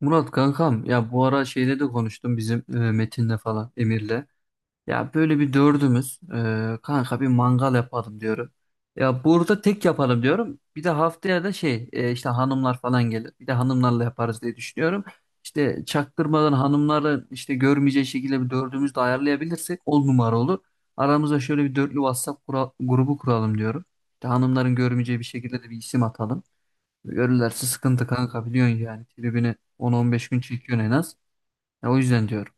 Murat kankam ya bu ara şeyle de konuştum bizim Metin'le falan Emir'le. Ya böyle bir dördümüz kanka bir mangal yapalım diyorum. Ya burada tek yapalım diyorum. Bir de haftaya da şey işte hanımlar falan gelir. Bir de hanımlarla yaparız diye düşünüyorum. İşte çaktırmadan hanımları işte görmeyeceği şekilde bir dördümüz de ayarlayabilirsek on numara olur. Aramıza şöyle bir dörtlü WhatsApp grubu kuralım diyorum. İşte hanımların görmeyeceği bir şekilde de bir isim atalım. Görürlerse sıkıntı kanka biliyorsun yani. Tribini 10-15 gün çekiyorsun en az. Ya o yüzden diyorum.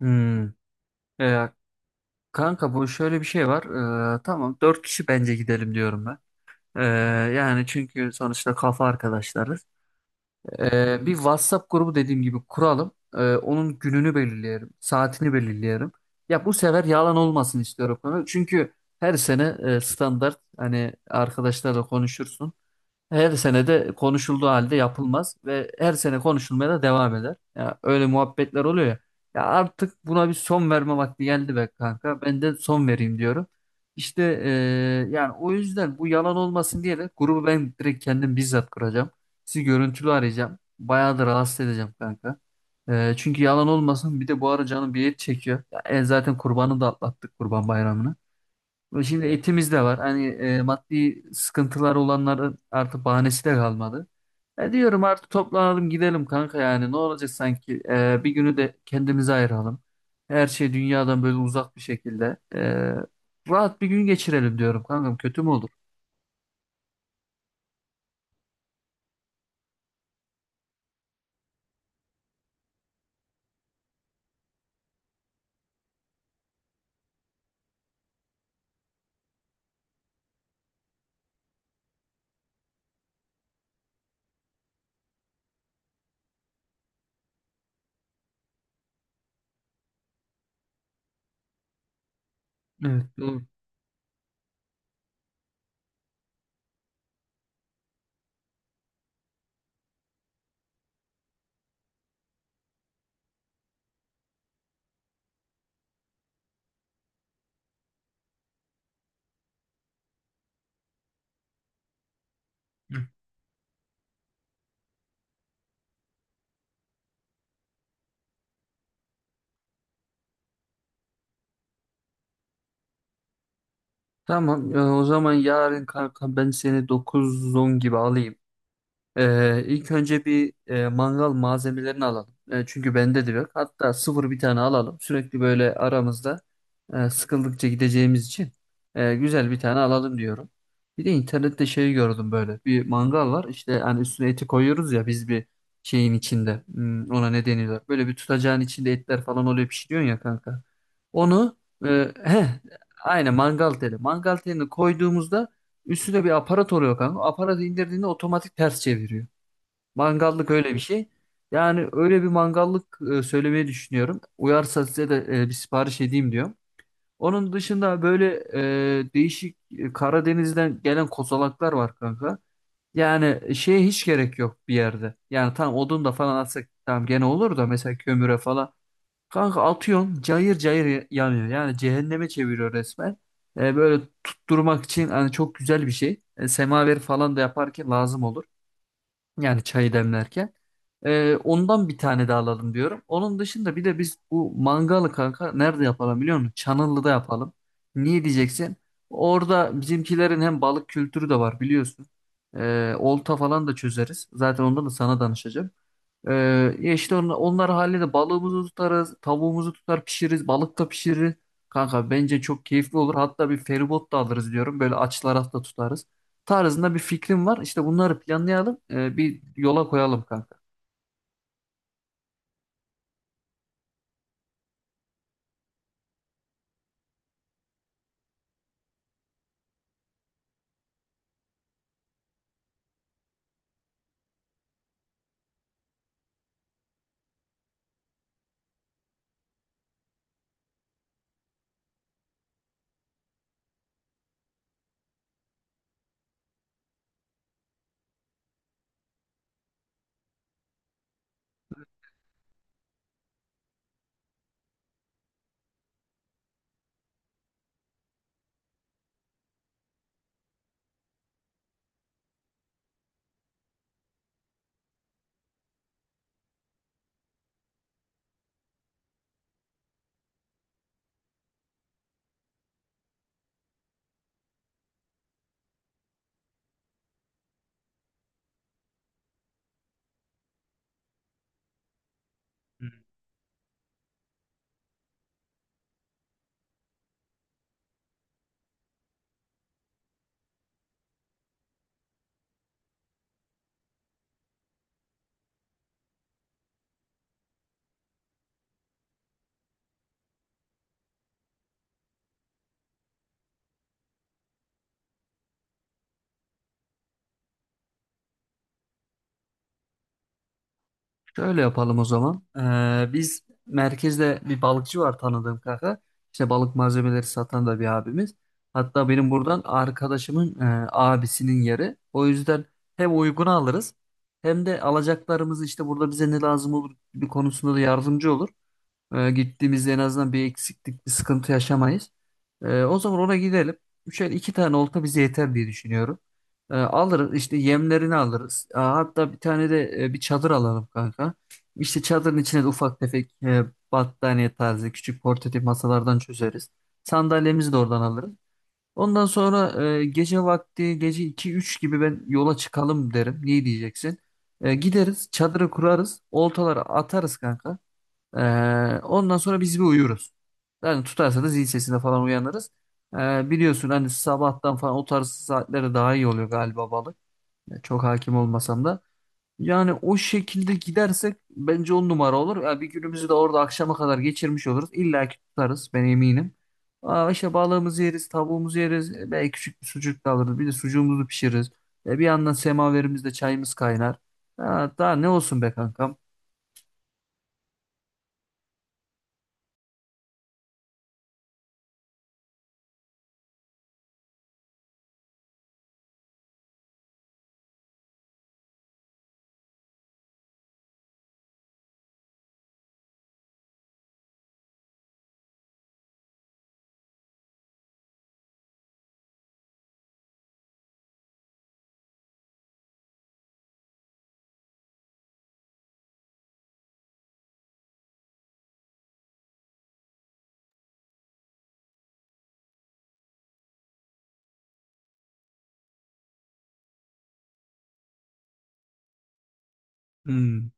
Hmm. E, Kanka bu şöyle bir şey var. Tamam 4 kişi bence gidelim diyorum ben. E, Yani çünkü sonuçta kafa arkadaşlarız. Bir WhatsApp grubu dediğim gibi kuralım. Onun gününü belirleyelim. Saatini belirleyelim. Ya bu sefer yalan olmasın istiyorum konu. Çünkü her sene standart hani arkadaşlarla konuşursun. Her sene de konuşulduğu halde yapılmaz ve her sene konuşulmaya da devam eder. Ya öyle muhabbetler oluyor ya. Ya artık buna bir son verme vakti geldi be kanka. Ben de son vereyim diyorum. İşte eee, Yani o yüzden bu yalan olmasın diye de grubu ben direkt kendim bizzat kuracağım. Sizi görüntülü arayacağım. Bayağı da rahatsız edeceğim kanka. Çünkü yalan olmasın bir de bu ara canım bir et çekiyor. Zaten kurbanı da atlattık kurban bayramını. Ve şimdi etimiz de var. Hani maddi sıkıntılar olanların artık bahanesi de kalmadı. E diyorum artık toplanalım gidelim kanka yani ne olacak sanki. Bir günü de kendimize ayıralım. Her şey dünyadan böyle uzak bir şekilde. Rahat bir gün geçirelim diyorum kankam, kötü mü olur? Evet, doğru. Hı. Tamam, o zaman yarın kanka ben seni dokuz 10 gibi alayım. İlk önce bir mangal malzemelerini alalım. E, çünkü bende de yok. Hatta sıfır bir tane alalım. Sürekli böyle aramızda sıkıldıkça gideceğimiz için güzel bir tane alalım diyorum. Bir de internette şey gördüm böyle. Bir mangal var. İşte hani üstüne eti koyuyoruz ya biz bir şeyin içinde. Hmm, ona ne deniyorlar? Böyle bir tutacağın içinde etler falan oluyor, pişiriyorsun ya kanka. Onu e, heh, aynen, mangal teli. Mangal telini koyduğumuzda üstünde bir aparat oluyor kanka. Aparatı indirdiğinde otomatik ters çeviriyor. Mangallık öyle bir şey. Yani öyle bir mangallık söylemeyi düşünüyorum. Uyarsa size de bir sipariş edeyim diyorum. Onun dışında böyle değişik Karadeniz'den gelen kozalaklar var kanka. Yani şeye hiç gerek yok bir yerde. Yani tam odun da falan atsak tamam gene olur da mesela kömüre falan. Kanka atıyorsun cayır cayır yanıyor. Yani cehenneme çeviriyor resmen. Böyle tutturmak için hani çok güzel bir şey. Semaver falan da yaparken lazım olur. Yani çayı demlerken. Ondan bir tane daha alalım diyorum. Onun dışında bir de biz bu mangalı kanka nerede yapalım biliyor musun? Çanıllı'da yapalım. Niye diyeceksin? Orada bizimkilerin hem balık kültürü de var biliyorsun. Olta falan da çözeriz. Zaten ondan da sana danışacağım. Ee, Ya işte onlar, onlar halinde balığımızı tutarız, tavuğumuzu tutar pişiririz, balık da pişiririz. Kanka bence çok keyifli olur. Hatta bir feribot da alırız diyorum. Böyle açılara da tutarız. Tarzında bir fikrim var. İşte bunları planlayalım, bir yola koyalım kanka. Şöyle yapalım o zaman. Biz merkezde bir balıkçı var tanıdığım kanka. İşte balık malzemeleri satan da bir abimiz. Hatta benim buradan arkadaşımın abisinin yeri. O yüzden hem uygun alırız hem de alacaklarımız işte burada bize ne lazım olur gibi konusunda da yardımcı olur. Gittiğimizde en azından bir eksiklik, bir sıkıntı yaşamayız. O zaman ona gidelim. Üçer iki tane olta bize yeter diye düşünüyorum. Alırız işte, yemlerini alırız. Aa, hatta bir tane de bir çadır alalım kanka. İşte çadırın içine de ufak tefek battaniye tarzı küçük portatif masalardan çözeriz. Sandalyemizi de oradan alırız. Ondan sonra gece vakti, gece iki üç gibi ben yola çıkalım derim. Niye diyeceksin? Gideriz, çadırı kurarız. Oltaları atarız kanka. Ee, Ondan sonra biz bir uyuruz. Yani tutarsa da zil sesine falan uyanırız. Biliyorsun hani sabahtan falan o tarz saatlere daha iyi oluyor galiba balık. Ya çok hakim olmasam da. Yani o şekilde gidersek bence on numara olur. Ya bir günümüzü de orada akşama kadar geçirmiş oluruz. İlla ki tutarız, ben eminim. Aa, işte balığımızı yeriz, tavuğumuzu yeriz. E, belki küçük bir sucuk da alırız. Bir de sucuğumuzu pişiririz. Bir yandan semaverimizde çayımız kaynar. Ha, daha ne olsun be kankam. Hmm.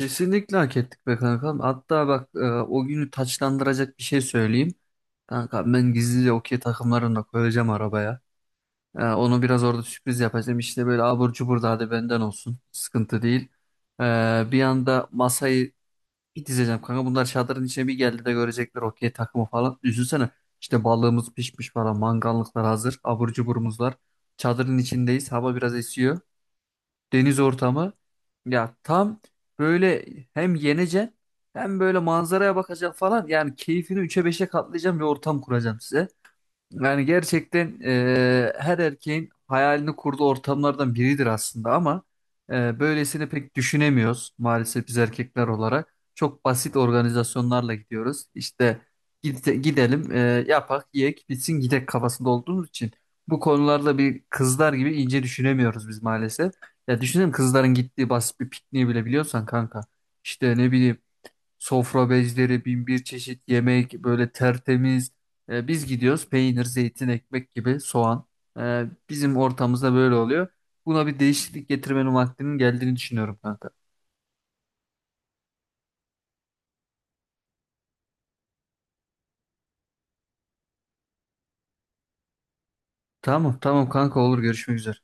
Kesinlikle hak ettik be kankam. Hatta bak, o günü taçlandıracak bir şey söyleyeyim. Kanka ben gizlice okey takımlarını da koyacağım arabaya. Onu biraz orada sürpriz yapacağım. İşte böyle abur cubur da hadi benden olsun. Sıkıntı değil. E, Bir anda masayı bir dizeceğim kanka. Bunlar çadırın içine bir geldi de görecekler okey takımı falan. Üzülsene. İşte balığımız pişmiş falan. Mangallıklar hazır. Abur cuburumuz var. Çadırın içindeyiz. Hava biraz esiyor, deniz ortamı. Ya tam böyle hem yeneceksin hem böyle manzaraya bakacaksın falan. Yani keyfini üçe beşe katlayacağım bir ortam kuracağım size. Yani gerçekten her erkeğin hayalini kurduğu ortamlardan biridir aslında ama böylesini pek düşünemiyoruz maalesef biz erkekler olarak. Çok basit organizasyonlarla gidiyoruz. İşte gidelim, yapak, yiyek, bitsin, gidek kafasında olduğumuz için bu konularda bir kızlar gibi ince düşünemiyoruz biz maalesef. Ya düşünelim, kızların gittiği basit bir pikniği bile biliyorsan kanka. İşte ne bileyim, sofra bezleri, bin bir çeşit yemek, böyle tertemiz. Biz gidiyoruz peynir, zeytin, ekmek gibi soğan. Bizim ortamımızda böyle oluyor. Buna bir değişiklik getirmenin vaktinin geldiğini düşünüyorum kanka. Tamam, tamam kanka, olur, görüşmek üzere.